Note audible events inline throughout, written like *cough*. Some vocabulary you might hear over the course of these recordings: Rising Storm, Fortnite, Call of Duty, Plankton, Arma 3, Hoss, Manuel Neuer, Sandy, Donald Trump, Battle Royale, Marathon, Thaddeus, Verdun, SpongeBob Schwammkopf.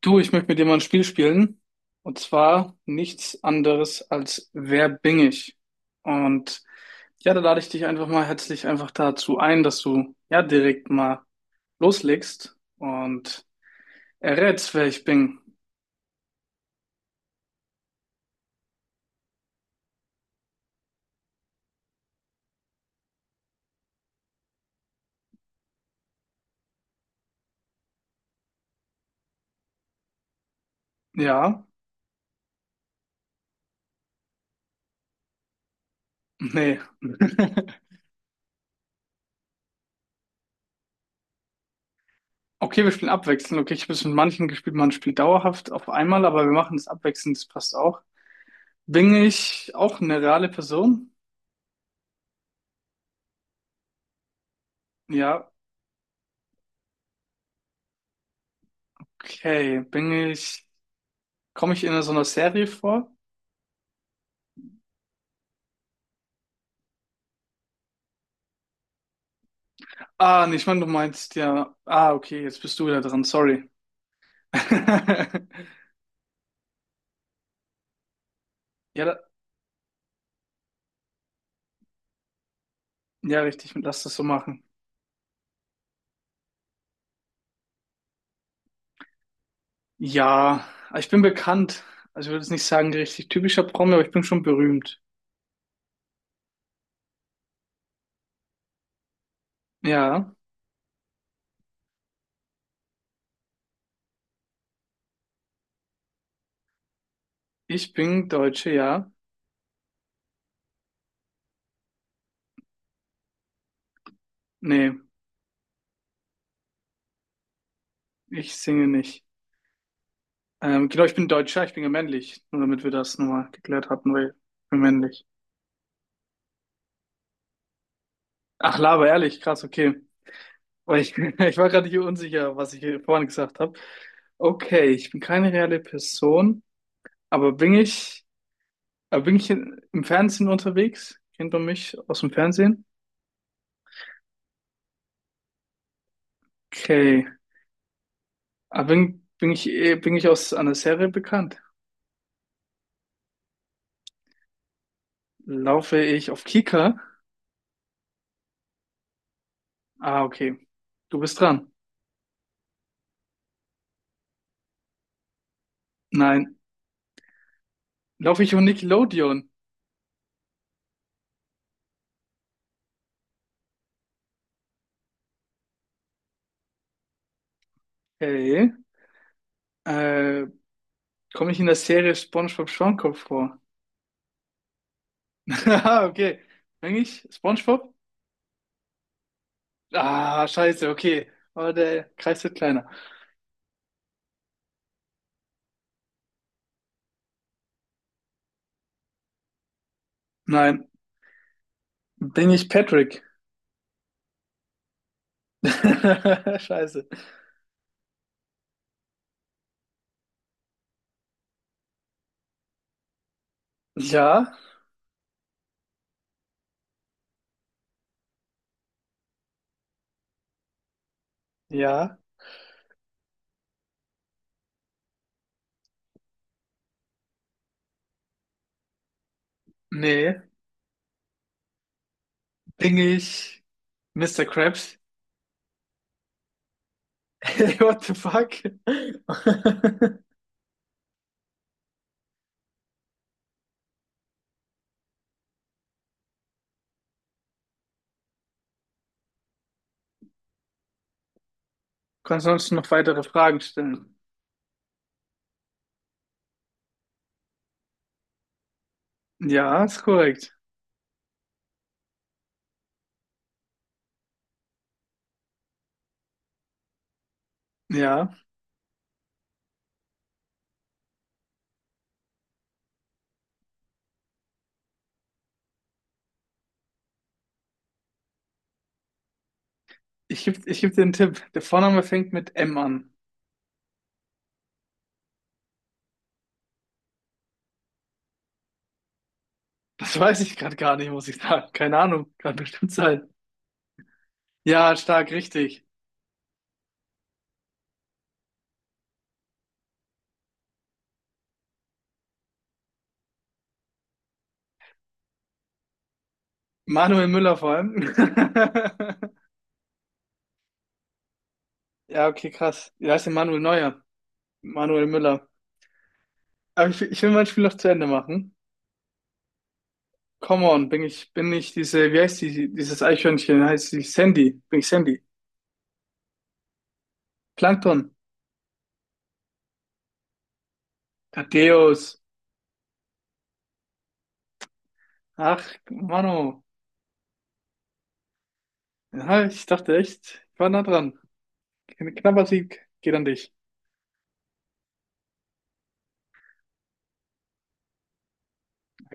Du, ich möchte mit dir mal ein Spiel spielen. Und zwar nichts anderes als Wer bin ich? Und ja, da lade ich dich einfach mal herzlich einfach dazu ein, dass du ja direkt mal loslegst und errätst, wer ich bin. Ja, nee. *laughs* Okay, wir spielen abwechselnd. Okay, ich habe es mit manchen gespielt, man spielt dauerhaft auf einmal, aber wir machen das abwechselnd, das passt auch. Bin ich auch eine reale Person? Ja, okay. Komme ich in so einer Serie vor? Ah, nee, ich meine, du meinst ja. Ah, okay, jetzt bist du wieder dran, sorry. *laughs* Ja, da, ja, richtig, lass das so machen. Ja, ich bin bekannt. Also ich würde jetzt nicht sagen, richtig typischer Promi, aber ich bin schon berühmt. Ja, ich bin Deutsche, ja. Nee, ich singe nicht. Genau, ich bin Deutscher, ich bin ja männlich. Nur damit wir das nochmal geklärt hatten, weil ich bin männlich. Ach, Laber, ehrlich, krass, okay. Weil ich, *laughs* ich war gerade hier unsicher, was ich hier vorhin gesagt habe. Okay, ich bin keine reale Person. Aber bin ich, aber bin ich im Fernsehen unterwegs? Kennt man mich aus dem Fernsehen? Okay. Aber bin ich, bin ich aus einer Serie bekannt? Laufe ich auf Kika? Ah, okay. Du bist dran. Nein. Laufe ich auf Nickelodeon? Okay. Äh, komme ich in der Serie SpongeBob Schwammkopf vor? *laughs* Ah, okay. Bin ich SpongeBob? Ah, scheiße, okay. Aber der Kreis wird kleiner. Nein. Bin ich Patrick? *laughs* Scheiße. Ja, ja, nee, bin ich Mister Krabs? *laughs* Hey, what the fuck? *laughs* Kannst du uns noch weitere Fragen stellen? Ja, ist korrekt. Ja, ich geb dir einen Tipp. Der Vorname fängt mit M an. Das weiß ich gerade gar nicht, muss ich sagen. Keine Ahnung, kann bestimmt sein. Ja, stark, richtig. Manuel Müller vor allem. *laughs* Ja, okay, krass. Ja, ist ja Manuel Neuer. Manuel Müller. Aber ich will mein Spiel noch zu Ende machen. Come on, bin ich diese, wie heißt die, dieses Eichhörnchen? Heißt die Sandy? Bin ich Sandy? Plankton. Thaddeus. Ach, Mano. Ja, ich dachte echt, ich war nah dran. Knapper Sieg geht an dich.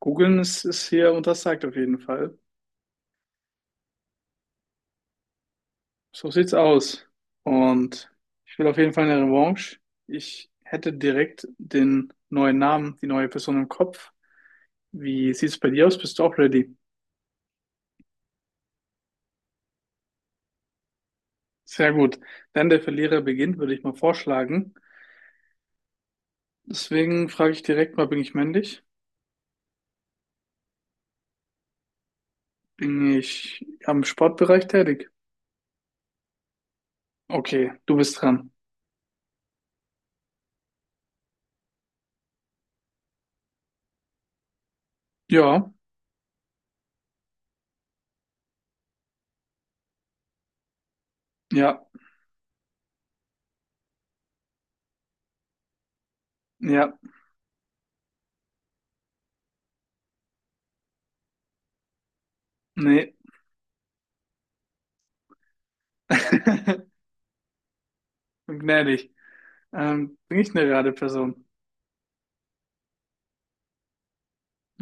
Googeln ist hier untersagt auf jeden Fall. So sieht's aus. Und ich will auf jeden Fall eine Revanche. Ich hätte direkt den neuen Namen, die neue Person im Kopf. Wie sieht's bei dir aus? Bist du auch ready? Sehr gut. Dann der Verlierer beginnt, würde ich mal vorschlagen. Deswegen frage ich direkt mal, bin ich männlich? Bin ich am Sportbereich tätig? Okay, du bist dran. Ja, ja, ja, nee. *laughs* Bin gnädig. Bin ich eine Rateperson?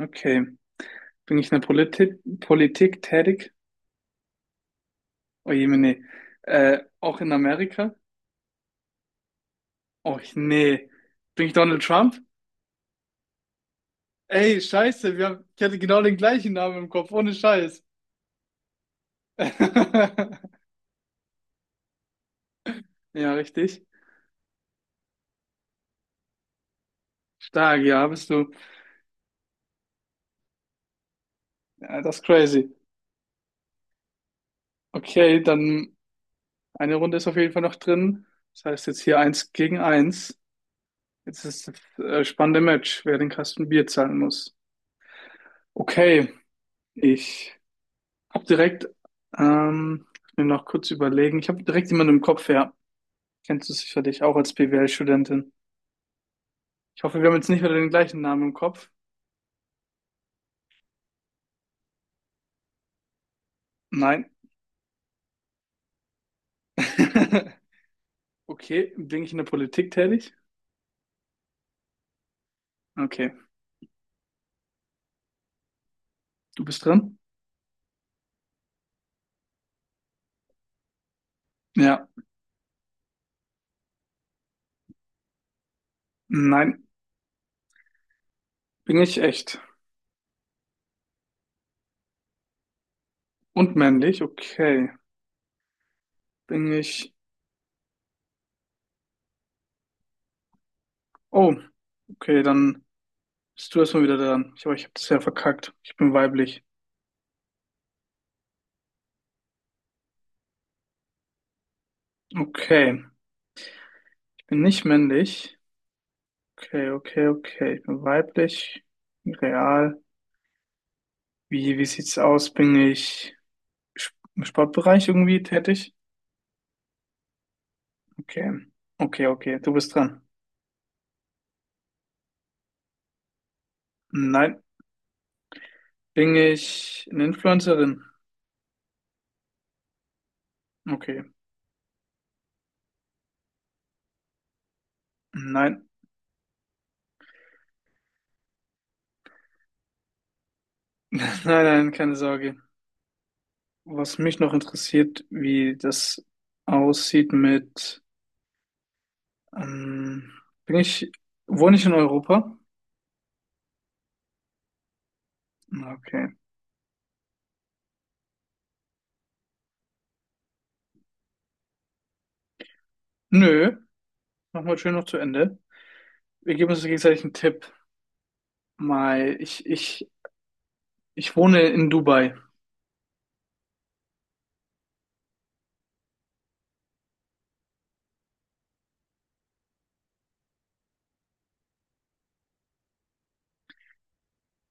Okay. Bin ich in der Politik tätig? Oh je, nee. Auch in Amerika? Oh nee. Bin ich Donald Trump? Ey, scheiße, ich hatte genau den gleichen Namen im Kopf, ohne Scheiß. *laughs* Ja, richtig. Stark, ja, bist du. Ja, das ist crazy. Okay, dann eine Runde ist auf jeden Fall noch drin. Das heißt jetzt hier eins gegen eins. Jetzt ist das spannende Match, wer den Kasten Bier zahlen muss. Okay, ich hab direkt, ich will noch kurz überlegen. Ich habe direkt jemanden im Kopf, ja. Kennst du sicherlich auch als BWL-Studentin. Ich hoffe, wir haben jetzt nicht wieder den gleichen Namen im Kopf. Nein. *laughs* Okay, bin ich in der Politik tätig? Okay, du bist dran? Ja. Nein, bin ich echt. Und männlich? Okay. Bin ich Oh, okay, dann bist du erstmal wieder dran. Ich, aber ich habe das ja verkackt. Ich bin weiblich. Okay, ich bin nicht männlich. Okay, okay, okay. Ich bin weiblich. Real. Wie sieht's aus? Bin ich im Sportbereich irgendwie tätig? Okay. Okay, okay. Du bist dran. Nein. Bin ich eine Influencerin? Okay. Nein. *laughs* Nein, nein, keine Sorge. Was mich noch interessiert, wie das aussieht mit Ähm, bin ich, wohne ich in Europa? Okay. Nö, machen wir schön noch zu Ende. Wir geben uns gegenseitig einen Tipp. Mal, ich wohne in Dubai.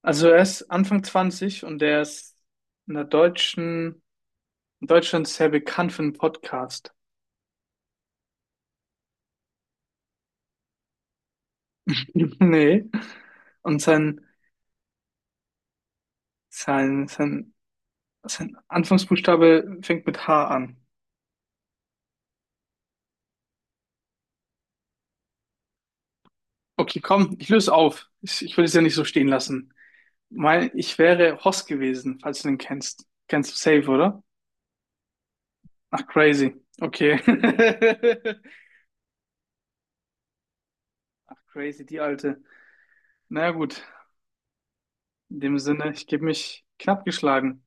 Also er ist Anfang 20 und er ist in der deutschen, in Deutschland sehr bekannt für einen Podcast. *laughs* Nee. Und sein, sein, sein Anfangsbuchstabe fängt mit H an. Okay, komm, ich löse auf. Ich will es ja nicht so stehen lassen. Mein, ich wäre Hoss gewesen, falls du den kennst. Kennst du safe, oder? Ach, crazy. Okay. *laughs* Ach, crazy, die alte. Na ja, gut, in dem Sinne, ich gebe mich knapp geschlagen.